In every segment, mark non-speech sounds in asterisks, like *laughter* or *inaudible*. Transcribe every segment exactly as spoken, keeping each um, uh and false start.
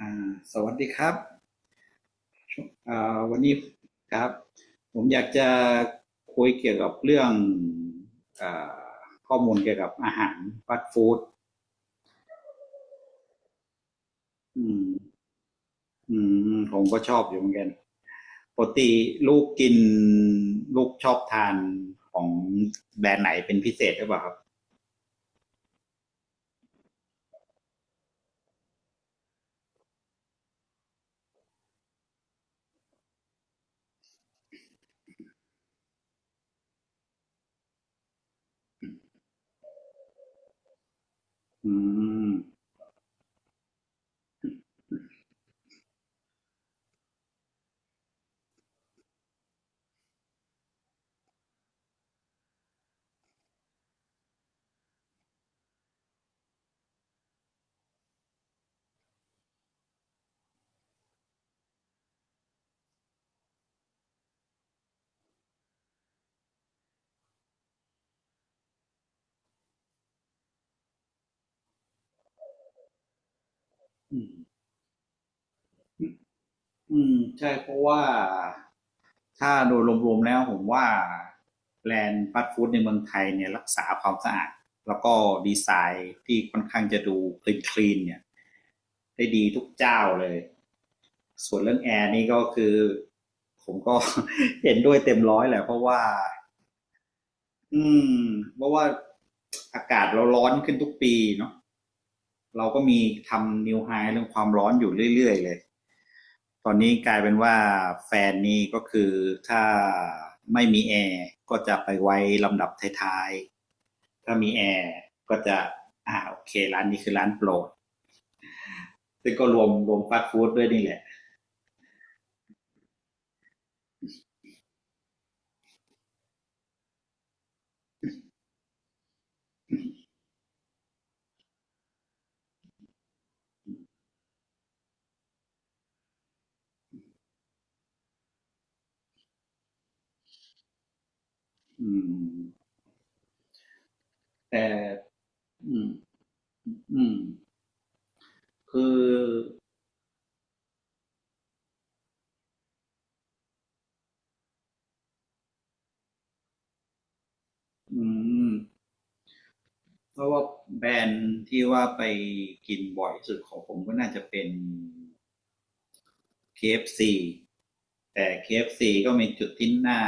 อ่าสวัสดีครับอ่าวันนี้ครับผมอยากจะคุยเกี่ยวกับเรื่องอาข้อมูลเกี่ยวกับอาหารฟาสต์ฟู้ดอืมอืมผมก็ชอบอยู่เหมือนกันปกติลูกกินลูกชอบทานของแบรนด์ไหนเป็นพิเศษหรือเปล่าครับอืมอืมอืมใช่เพราะว่า ถ้าโดยรวมๆแล้วผมว่าแบรนด์ฟาสต์ฟู้ดในเมืองไทยเนี่ยรักษาความสะอาดแล้วก็ดีไซน์ที่ค่อนข้างจะดูคลีน n เนี่ยได้ดีทุกเจ้าเลยส่วนเรื่องแอร์นี่ก็คือผมก็ *laughs* เห็นด้วยเต็มร้อยแหละเพราะว่าอืมเพราะว่าอากาศเราร้อนขึ้นทุกปีเนาะเราก็มีทำนิวไฮเรื่องความร้อนอยู่เรื่อยๆเลย ตอนนี้กลายเป็นว่าแฟนนี่ก็คือถ้าไม่มีแอร์ก็จะไปไว้ลำดับท้ายๆ ถ้ามีแอร์ก็จะอ่าโอเคร้านนี้คือร้านโปรดซึ่งก็รวมรวมฟาสต์ฟู้ดด้วยนี่แหละอืมแต่อืมอืมคืออืมเพราะว่าแบรนด์ที่ว่าไปกินบ่อย่สุดของผมก็น่าจะเป็น เค เอฟ ซี แต่ เค เอฟ ซี ก็มีจุดที่น่า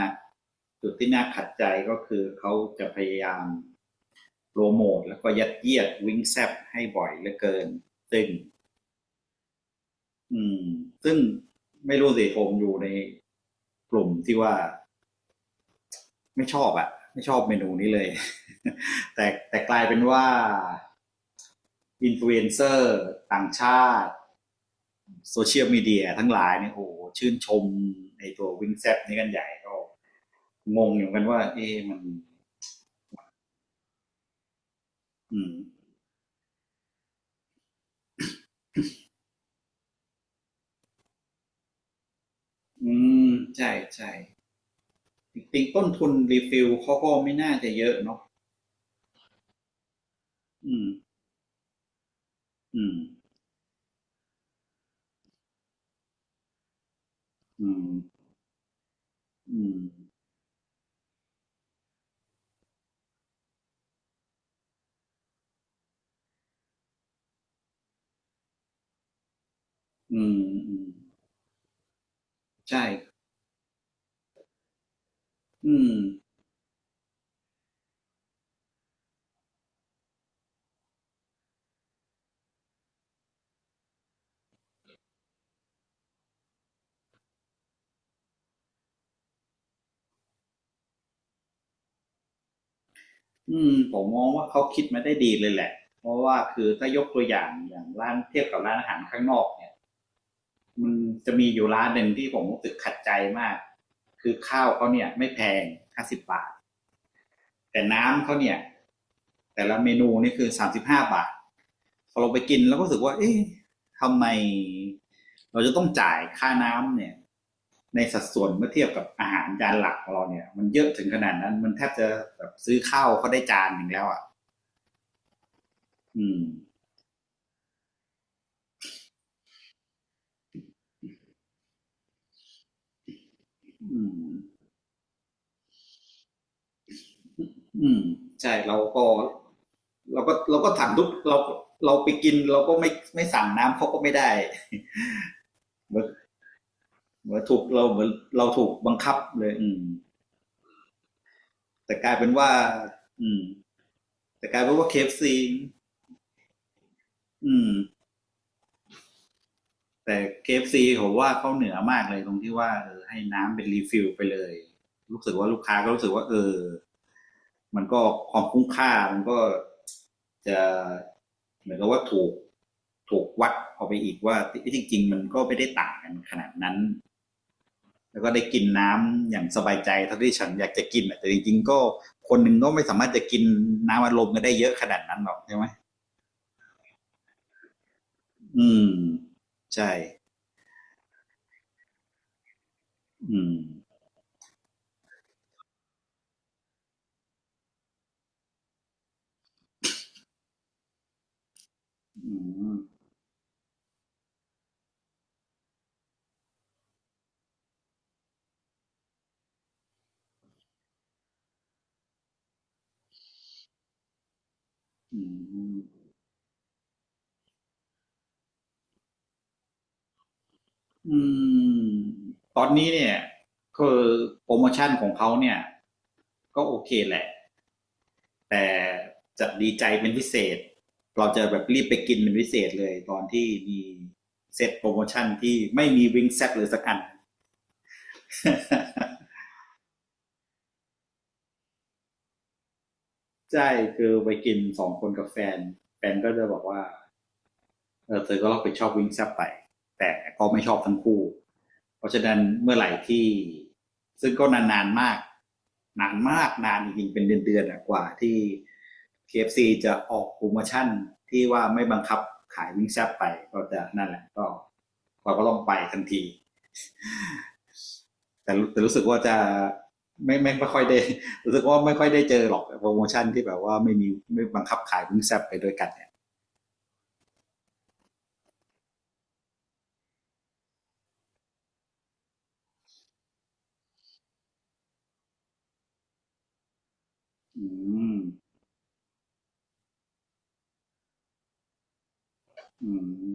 จุดที่น่าขัดใจก็คือเขาจะพยายามโปรโมทแล้วก็ยัดเยียดวิงแซบให้บ่อยเหลือเกินซึ่งอืมซึ่งไม่รู้สิผมอยู่ในกลุ่มที่ว่าไม่ชอบอะไม่ชอบเมนูนี้เลย *laughs* แต่แต่กลายเป็นว่าอินฟลูเอนเซอร์ต่างชาติโซเชียลมีเดียทั้งหลายเนี่ยโอ้โหชื่นชมในตัววิงแซบนี้กันใหญ่ก็ งงอยู่างกันว่าเอ๊ะมันอืมอืมใช่ใช่จริงๆต้นทุนรีฟิลเขาก็ไม่น่าจะเยอะเนาะอืมอืมอืมอืมอืมอืมใช่อืมอืมผมมองว่าเขาคิดมาได้ดีเลยแหละ เพราะว่าคือถ้ายกตัวอย่างอย่างร้านเทียบกับร้านอาหารข้างนอกเนี่ยมันจะมีอยู่ร้านหนึ่งที่ผมรู้สึกขัดใจมาก คือข้าวเขาเนี่ยไม่แพงห้าสิบบาท แต่น้ำเขาเนี่ยแต่ละเมนูนี่คือสามสิบห้าบาทพอเราไปกินเราก็รู้สึกว่าเอ๊ะทำไมเราจะต้องจ่ายค่าน้ำเนี่ยในสัดส่วนเมื่อเทียบกับอาหารจานหลักของเราเนี่ยมันเยอะถึงขนาดนั้นมันแทบจะแบบซื้อข้าวเขาได้จานหนึ่งแล้วอ่ะอืมอืมอืมใช่เราก็เราก็เราก็สั่งทุกเราเราไปกินเราก็ไม่ไม่สั่งน้ำเขาก็ไม่ได้เหมือนเหมือนถูกเราเหมือนเราถูกบังคับเลยอืม แต่กลายเป็นว่าอืมแต่กลายเป็นว่าเคเอฟซีอืมแต่เคเอฟซีผมว่าเขาเหนือมากเลยตรงที่ว่าเออให้น้ำเป็นรีฟิลไปเลยรู้สึกว่าลูกค้าก็รู้สึกว่าเออมันก็ความคุ้มค่ามันก็จะเหมือนกับว่าถูกถูกวัดออกไปอีกว่าที่จริงๆมันก็ไม่ได้ต่างกันขนาดนั้นแล้วก็ได้กินน้ำอย่างสบายใจเท่าที่ฉันอยากจะกินแต่จริงๆก็คนหนึ่งก็ไม่สามารถจะกินน้ำอารมณ์กันได้เยอะขนาดนั้นหรอกใช่ไหม อืมใช่อืมอืมอืมอืมตอนนี้เนี่ยคือโปรโมชั่นของเขาเนี่ยก็โอเคแหละแต่จะดีใจเป็นพิเศษเราจะแบบรีบไปกินเป็นพิเศษเลยตอนที่มีเซตโปรโมชั่นที่ไม่มีวิงแซตเลยสักอัน *laughs* ใช่คือไปกินสองคนกับแฟนแฟนก็จะบอกว่า เออเธอก็รับผิดชอบวิ่งแซบไปแต่ก็ไม่ชอบทั้งคู่เพราะฉะนั้นเมื่อไหร่ที่ซึ่งก็นานๆมากนานมากนานจริงๆเป็นเดือนๆกว่าที่ เค เอฟ ซี จะออกโปรโมชั่นที่ว่าไม่บังคับขายวิ่งแซบไปก็จะนั่นแหละก็เราก็ต้องไปทันทีแต่รู้แต่รู้สึกว่าจะไม่ไม่ไม่ค่อยได้ *laughs* รู้สึกว่าไม่ค่อยได้เจอหรอกโปรโมชั่นที่แบบว่าไม่มีไม่บังคับขายวิ่งแซบไปด้วยกันเนี่ยอืมอืม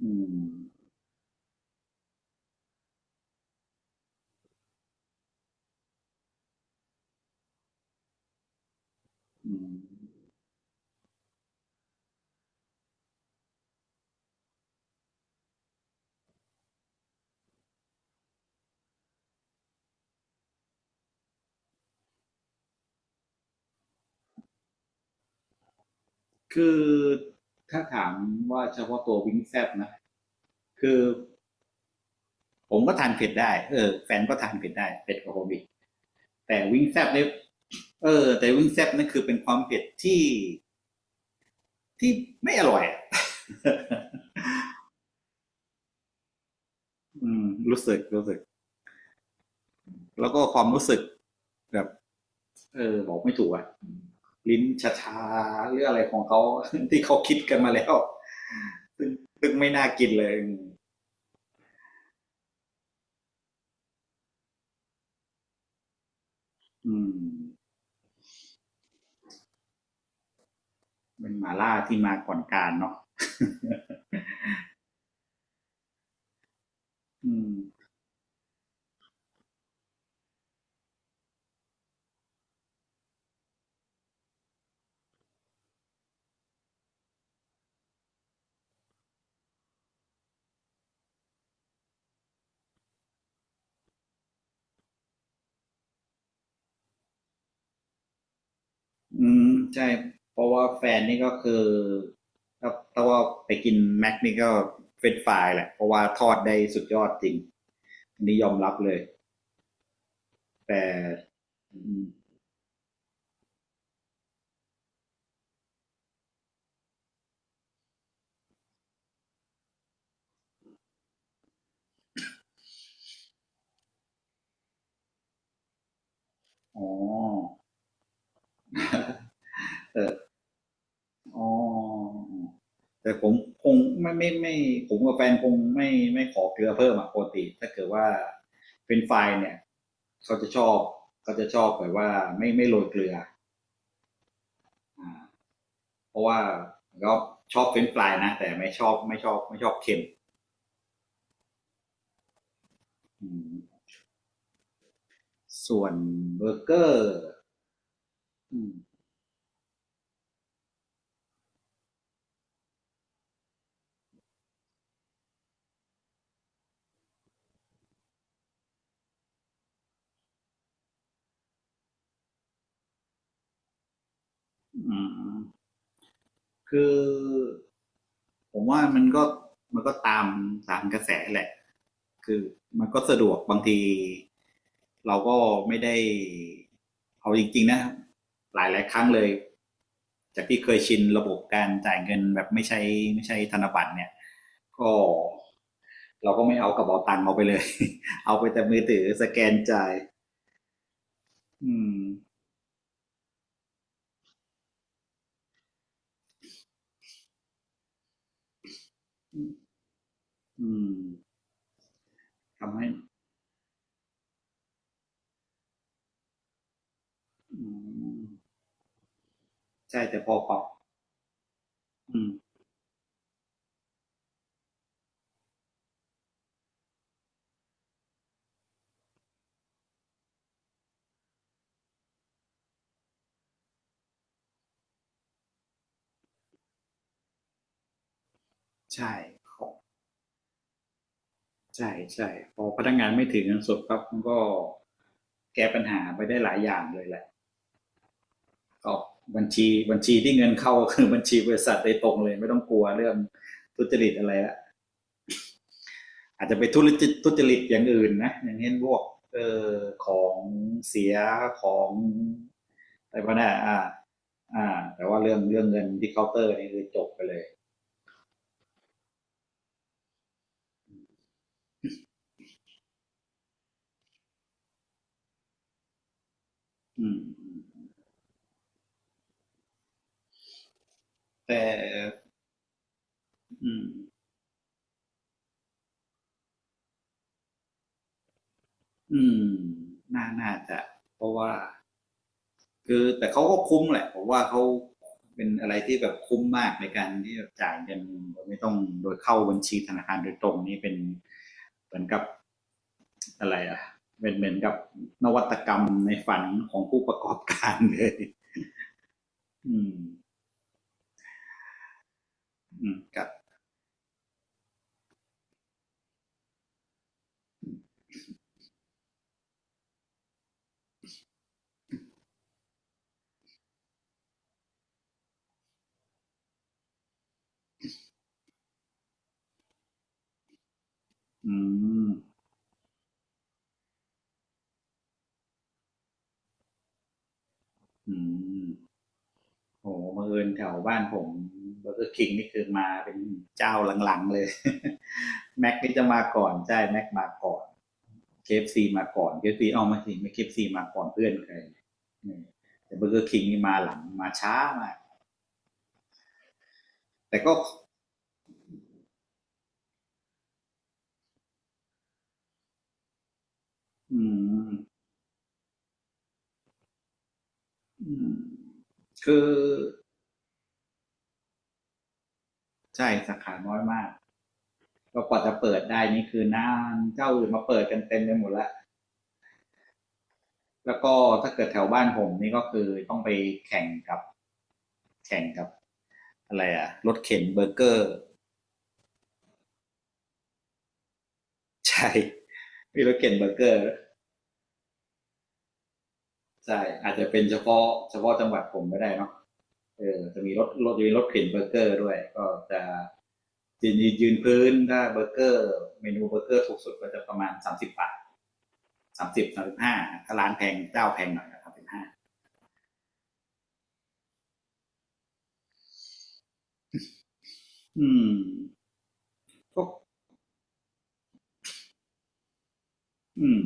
อืมอืม คือถ้าถามว่าเฉพาะตัววิงแซบนะคือผมก็ทานเผ็ดได้เออแฟนก็ทานเผ็ดได้เผ็ดกว่าผมอีกแต่วิงแซบเนี่ยเออแต่วิงแซบนั่นคือเป็นความเผ็ดที่ที่ไม่อร่อยอ *laughs* อืมรู้สึกรู้สึกแล้วก็ความรู้สึกแบบเออบอกไม่ถูกอะลิ้นชาชาหรืออะไรของเขา *laughs* ที่เขาคิดกันมาแล้วซึ่งไม่น่ากินเลยอืมเป็นหมาล่าที่มาก่อนการเนาะอืม อืมใช่เพราะว่าแฟนนี่ก็คือถ้าถ้าว่าไปกินแม็กนี่ก็เฟรนช์ฟรายแหละเพราะว่าทอดได้สุดยอดจริงอันนี้ยอมรับเลยแต่อืมอ๋ออ๋อแต่ผมคงไม่ไม่ไม่ผมกับแฟนคงไม่ไม่ขอเกลือเพิ่มอ่ะปกติถ้าเกิดว่าเป็นไฟล์เนี่ยเขาจะชอบเขาจะชอบแบบว่าไม่ไม่โรยเกลืออ่าเพราะว่าก็ชอบเป็นไฟล์นะแต่ไม่ชอบไม่ชอบไม่ชอบเค็มอืม ส่วนเบอร์เกอร์คือผมว่ามันก็มันก็ตามตามกระแสแหละคือมันก็สะดวกบางทีเราก็ไม่ได้เอาจริงๆนะหลายหลายๆครั้งเลยจากที่เคยชินระบบการจ่ายเงินแบบไม่ใช้ไม่ใช่ธนบัตรเนี่ยก็เราก็ไม่เอากระเป๋าตังค์เอาไปเลย *laughs* เอาไปแต่มือถือสแกนจ่ายอืมอืมทำให้อืม ใช่แต่พอปรับอืมใช่ของใช่ใช่พอพนักงานไม่ถือเงินสดครับมันก็แก้ปัญหาไปได้หลายอย่างเลยแหละก็บัญชีบัญชีที่เงินเข้าก็ *laughs* คือบัญชีบริษัทโดยตรงเลยไม่ต้องกลัวเรื่องทุจริตอะไรละอาจจะไปทุจริตทุจริตอย่างอื่นนะอย่างเช่นพวกเออของเสียของอะไรพวกนั้นอ่าอ่าแต่ว่าเรื่องเรื่องเงินที่เคาน์เตอร์นี่คือจบไปเลยอืมแต่อืม อืมน่าน่าจะเพราะว่าคือแต่เขาก็คุ้มแหละผมว่าเขาเป็นอะไรที่แบบคุ้มมากในการที่แบบจ่ายเงินโดยไม่ต้องโดยเข้าบัญชีธนาคารโดยตรงนี่เป็นเหมือนกับอะไรอ่ะเป็นเหมือนกับนวัตกรรมในฝันของผู้ประกอบการเลย อืม อืมครับอืมอืม โอ้โหบังเอิญแถวบ้านผมเบอร์เกอร์คิงนี่คือมาเป็นเจ้าหลังๆเลย *laughs* แม็กนี่จะมาก่อน ใช่แม็กมาก่อน เคเอฟซีมาก่อนเคเอฟซีเอามาสิไม่เคเอฟซีมาก่อนเพื่อนใครอืมแต่เบอร์เกอร์คิงนี่มาหลังมาช้ามากแต่ก็อืมคือใช่สาขาน้อยมากก็กว่าจะเปิดได้นี่คือนานเจ้าอื่นมาเปิดกันเต็มไปหมดแล้วแล้วก็ถ้าเกิดแถวบ้านผมนี่ก็คือต้องไปแข่งกับแข่งกับอะไรอะรถเข็นเบอร์เกอร์ใช่ *laughs* มีรถเข็นเบอร์เกอร์ใช่อาจจะเป็นเฉพาะเฉพาะจังหวัดผมไม่ได้เนาะ เออจะมีรถรถจะมีรถเข็นเบอร์เกอร์ด้วยก็จะยืนยืนยืนพื้นถ้าเบอร์เกอร์เมนูเบอร์เกอร์ถูกสุดก็จะประมาณสามสิบบาทสามสิบสามสิบห้าถ้าร้านแพงเจ้าแพงหน่อยก็สาเสิบห้าอืมก็อืม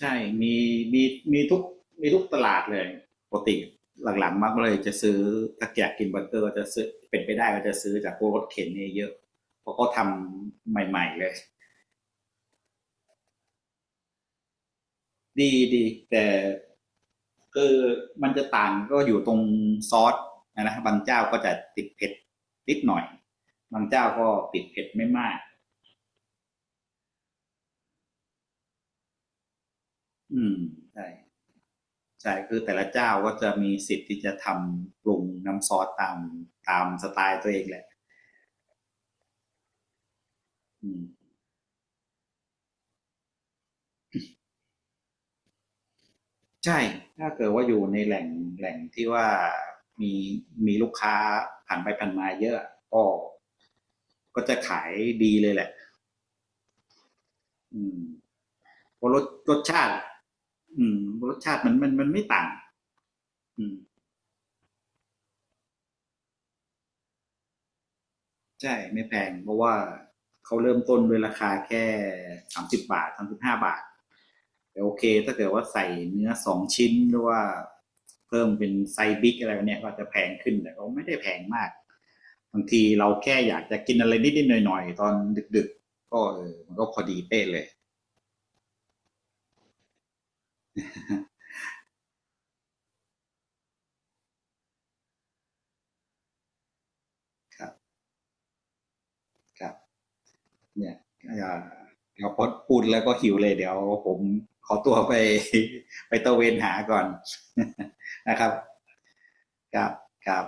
ใช่มีมีมีทุกมีทุกตลาดเลยปกติหลังๆมักเลยจะซื้อถ้าอยากกินเบอร์เกอร์ก็จะซื้อเป็นไปได้ก็จะซื้อจากพวกรถเข็นเนี่ยเยอะเพราะเขาทำใหม่ๆเลย ดีดีแต่คือมันจะต่างก็อยู่ตรงซอสนะบางเจ้าก็จะติดเผ็ดนิดหน่อยบางเจ้าก็ติดเผ็ดไม่มากอืมใช่ใช่คือแต่ละเจ้าก็จะมีสิทธิ์ที่จะทำปรุงน้ำซอสตามตามสไตล์ตัวเองแหละอืมใช่ถ้าเกิดว่าอยู่ในแหล่งแหล่งที่ว่ามีมีลูกค้าผ่านไปผ่านมาเยอะก็ก็จะขายดีเลยแหละอืมเพราะรสรสชาติ อืมรสชาติมันมันมันไม่ต่างอืมใช่ไม่แพงเพราะว่าเขาเริ่มต้นด้วยราคาแค่สามสิบบาท สามสิบห้าบาทแต่โอเคถ้าเกิดว่าใส่เนื้อสองชิ้นหรือว่าเพิ่มเป็นไซส์บิ๊กอะไรเนี่ยก็จะแพงขึ้นแต่ก็ไม่ได้แพงมากบางทีเราแค่อยากจะกินอะไรนิดๆหน่อยๆตอนดึกๆก็เออมันก็พอดีเป๊ะเลยครับครับ เนี่ยอาจารย์เดี๋ยวพอพูดแล้วก็หิวเลยเดี๋ยวผมขอตัวไป *laughs* ไปตะเวนหาก่อน *laughs* นะครับครับครับ